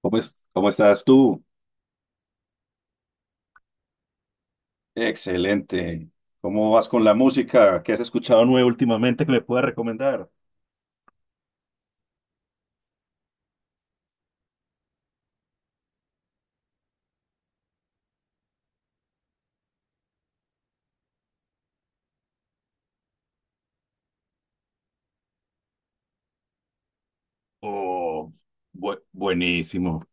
¿Cómo estás tú? Excelente. ¿Cómo vas con la música? ¿Qué has escuchado nuevo últimamente que me puedas recomendar? Oh, buenísimo.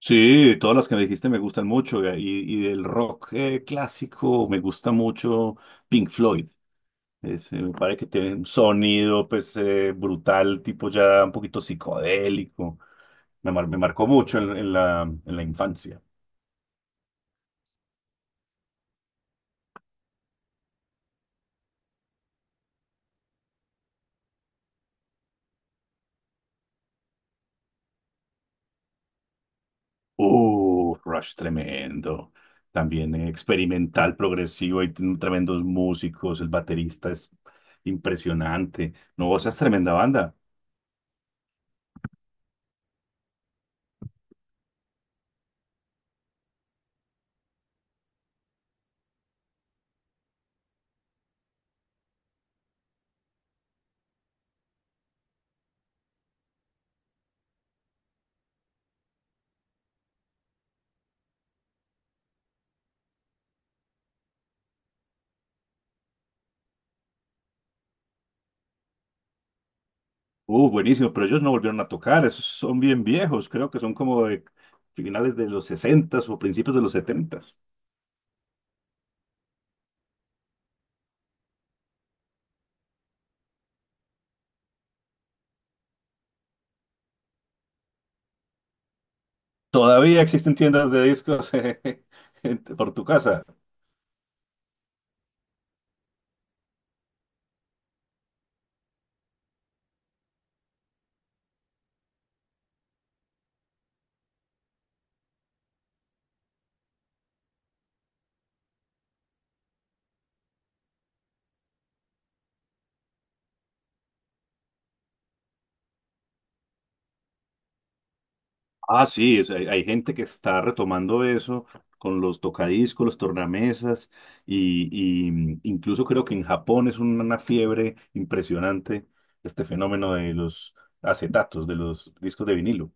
Sí, todas las que me dijiste me gustan mucho y del rock clásico me gusta mucho Pink Floyd. Me parece que tiene un sonido pues brutal, tipo ya un poquito psicodélico. Me marcó mucho en la infancia. Rush tremendo. También experimental, progresivo, hay tiene tremendos músicos, el baterista es impresionante. No, o es tremenda banda. Buenísimo, pero ellos no volvieron a tocar, esos son bien viejos, creo que son como de finales de los sesentas o principios de los setentas. Todavía existen tiendas de discos por tu casa. Ah, sí, hay, hay gente que está retomando eso con los tocadiscos, los tornamesas, y, y incluso creo que en Japón es una fiebre impresionante este fenómeno de los acetatos, de los discos de vinilo.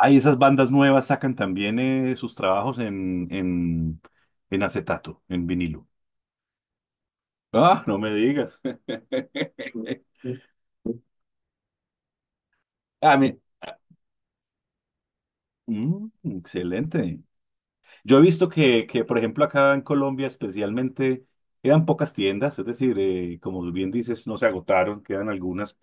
Hay esas bandas nuevas sacan también sus trabajos en acetato, en vinilo. Ah, no me digas. Ah, mi- mm, Excelente. Yo he visto que, por ejemplo, acá en Colombia especialmente quedan pocas tiendas, es decir, como bien dices, no se agotaron, quedan algunas,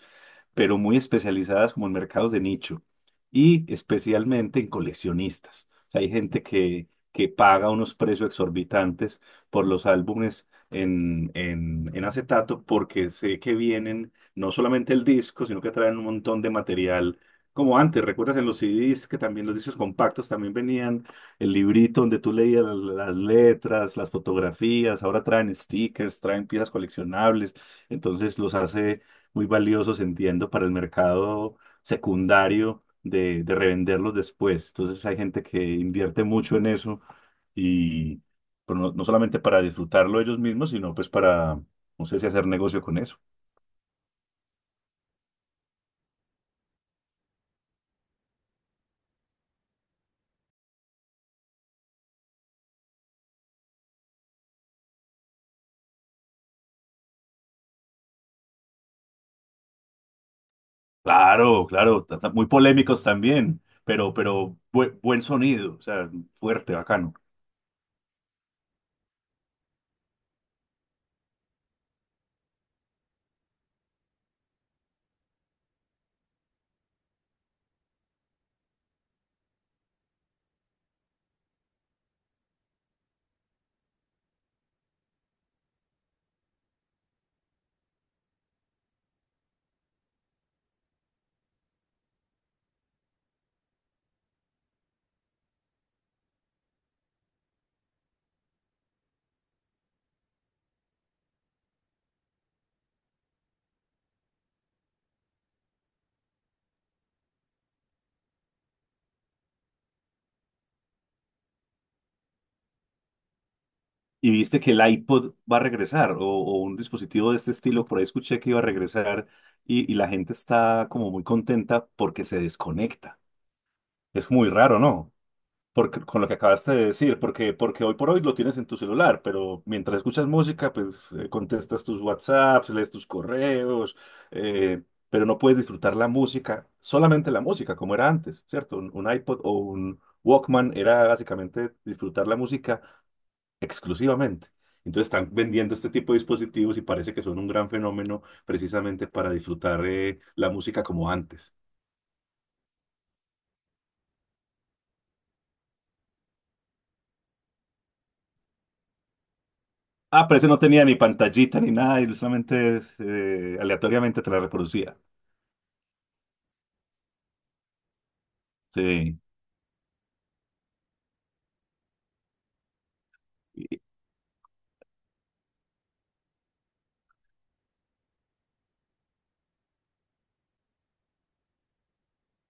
pero muy especializadas como en mercados de nicho y especialmente en coleccionistas. O sea, hay gente que paga unos precios exorbitantes por los álbumes en acetato porque sé que vienen no solamente el disco, sino que traen un montón de material. Como antes, ¿recuerdas en los CDs que también los discos compactos también venían? El librito donde tú leías las letras, las fotografías, ahora traen stickers, traen piezas coleccionables, entonces los hace muy valiosos, entiendo, para el mercado secundario de revenderlos después. Entonces hay gente que invierte mucho en eso y pero no, no solamente para disfrutarlo ellos mismos, sino pues para, no sé si hacer negocio con eso. Claro, claro, muy polémicos también, pero buen sonido, o sea, fuerte, bacano. Y viste que el iPod va a regresar, o un dispositivo de este estilo, por ahí escuché que iba a regresar y la gente está como muy contenta porque se desconecta. Es muy raro, ¿no? Porque, con lo que acabaste de decir, porque, porque hoy por hoy lo tienes en tu celular, pero mientras escuchas música, pues contestas tus WhatsApps, lees tus correos, eh, pero no puedes disfrutar la música, solamente la música, como era antes, ¿cierto? Un iPod o un Walkman era básicamente disfrutar la música exclusivamente. Entonces están vendiendo este tipo de dispositivos y parece que son un gran fenómeno precisamente para disfrutar la música como antes. Ah, pero ese no tenía ni pantallita ni nada, y solamente aleatoriamente te la reproducía. Sí, y-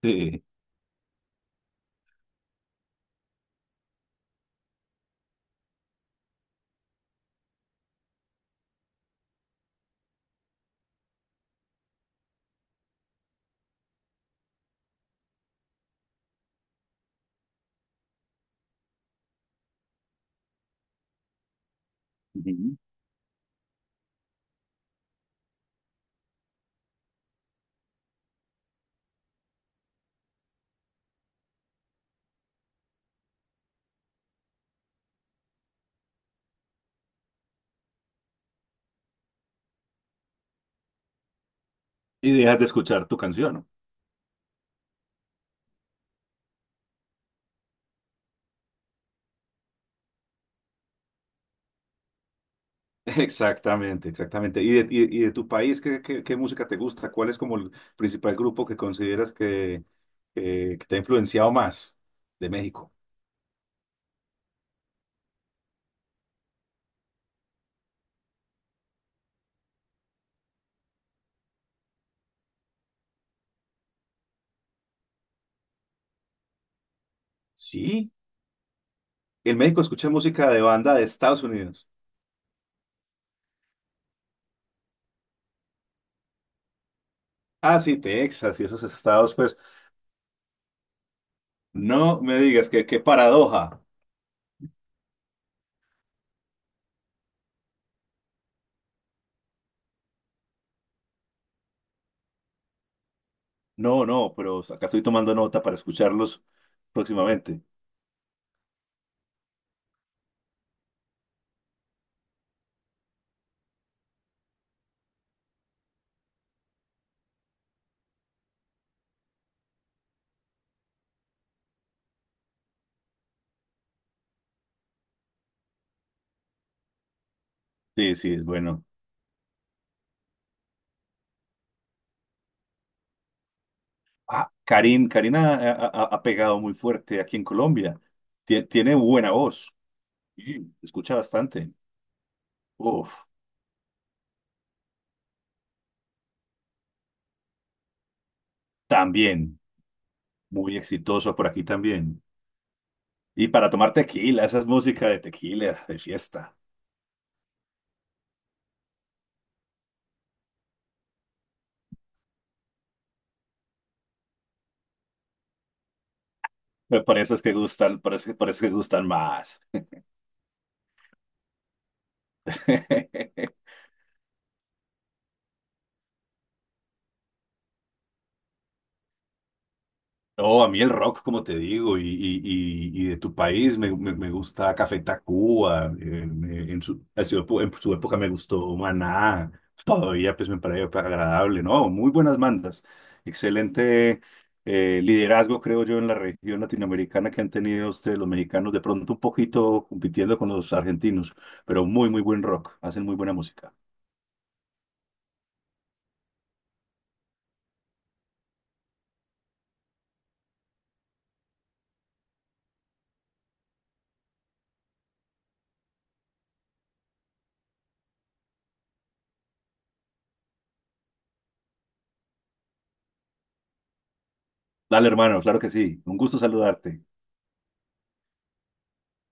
sí. Ujú. Y dejas de escuchar tu canción, ¿no? Exactamente, exactamente. ¿Y de tu país, ¿qué, qué, qué música te gusta? ¿Cuál es como el principal grupo que consideras que, que te ha influenciado más de México? Sí. En México escuché música de banda de Estados Unidos. Ah, sí, Texas y esos estados, pues, no me digas que qué paradoja. No, no, pero acá estoy tomando nota para escucharlos próximamente. Sí, sí, es bueno. Ah, Karin, Karina ha pegado muy fuerte aquí en Colombia. Tiene buena voz. Sí, escucha bastante. Uf, también, muy exitoso por aquí también. Y para tomar tequila, esa es música de tequila, de fiesta. Me parece que gustan, parece, parece que gustan más. No, a mí el rock, como te digo, y de tu país, me gusta Café Tacuba, en su época me gustó Maná, todavía pues me parece agradable, ¿no? Muy buenas bandas, excelente liderazgo, creo yo, en la región latinoamericana que han tenido ustedes los mexicanos, de pronto un poquito compitiendo con los argentinos, pero muy, muy buen rock, hacen muy buena música. Dale, hermano, claro que sí, un gusto saludarte.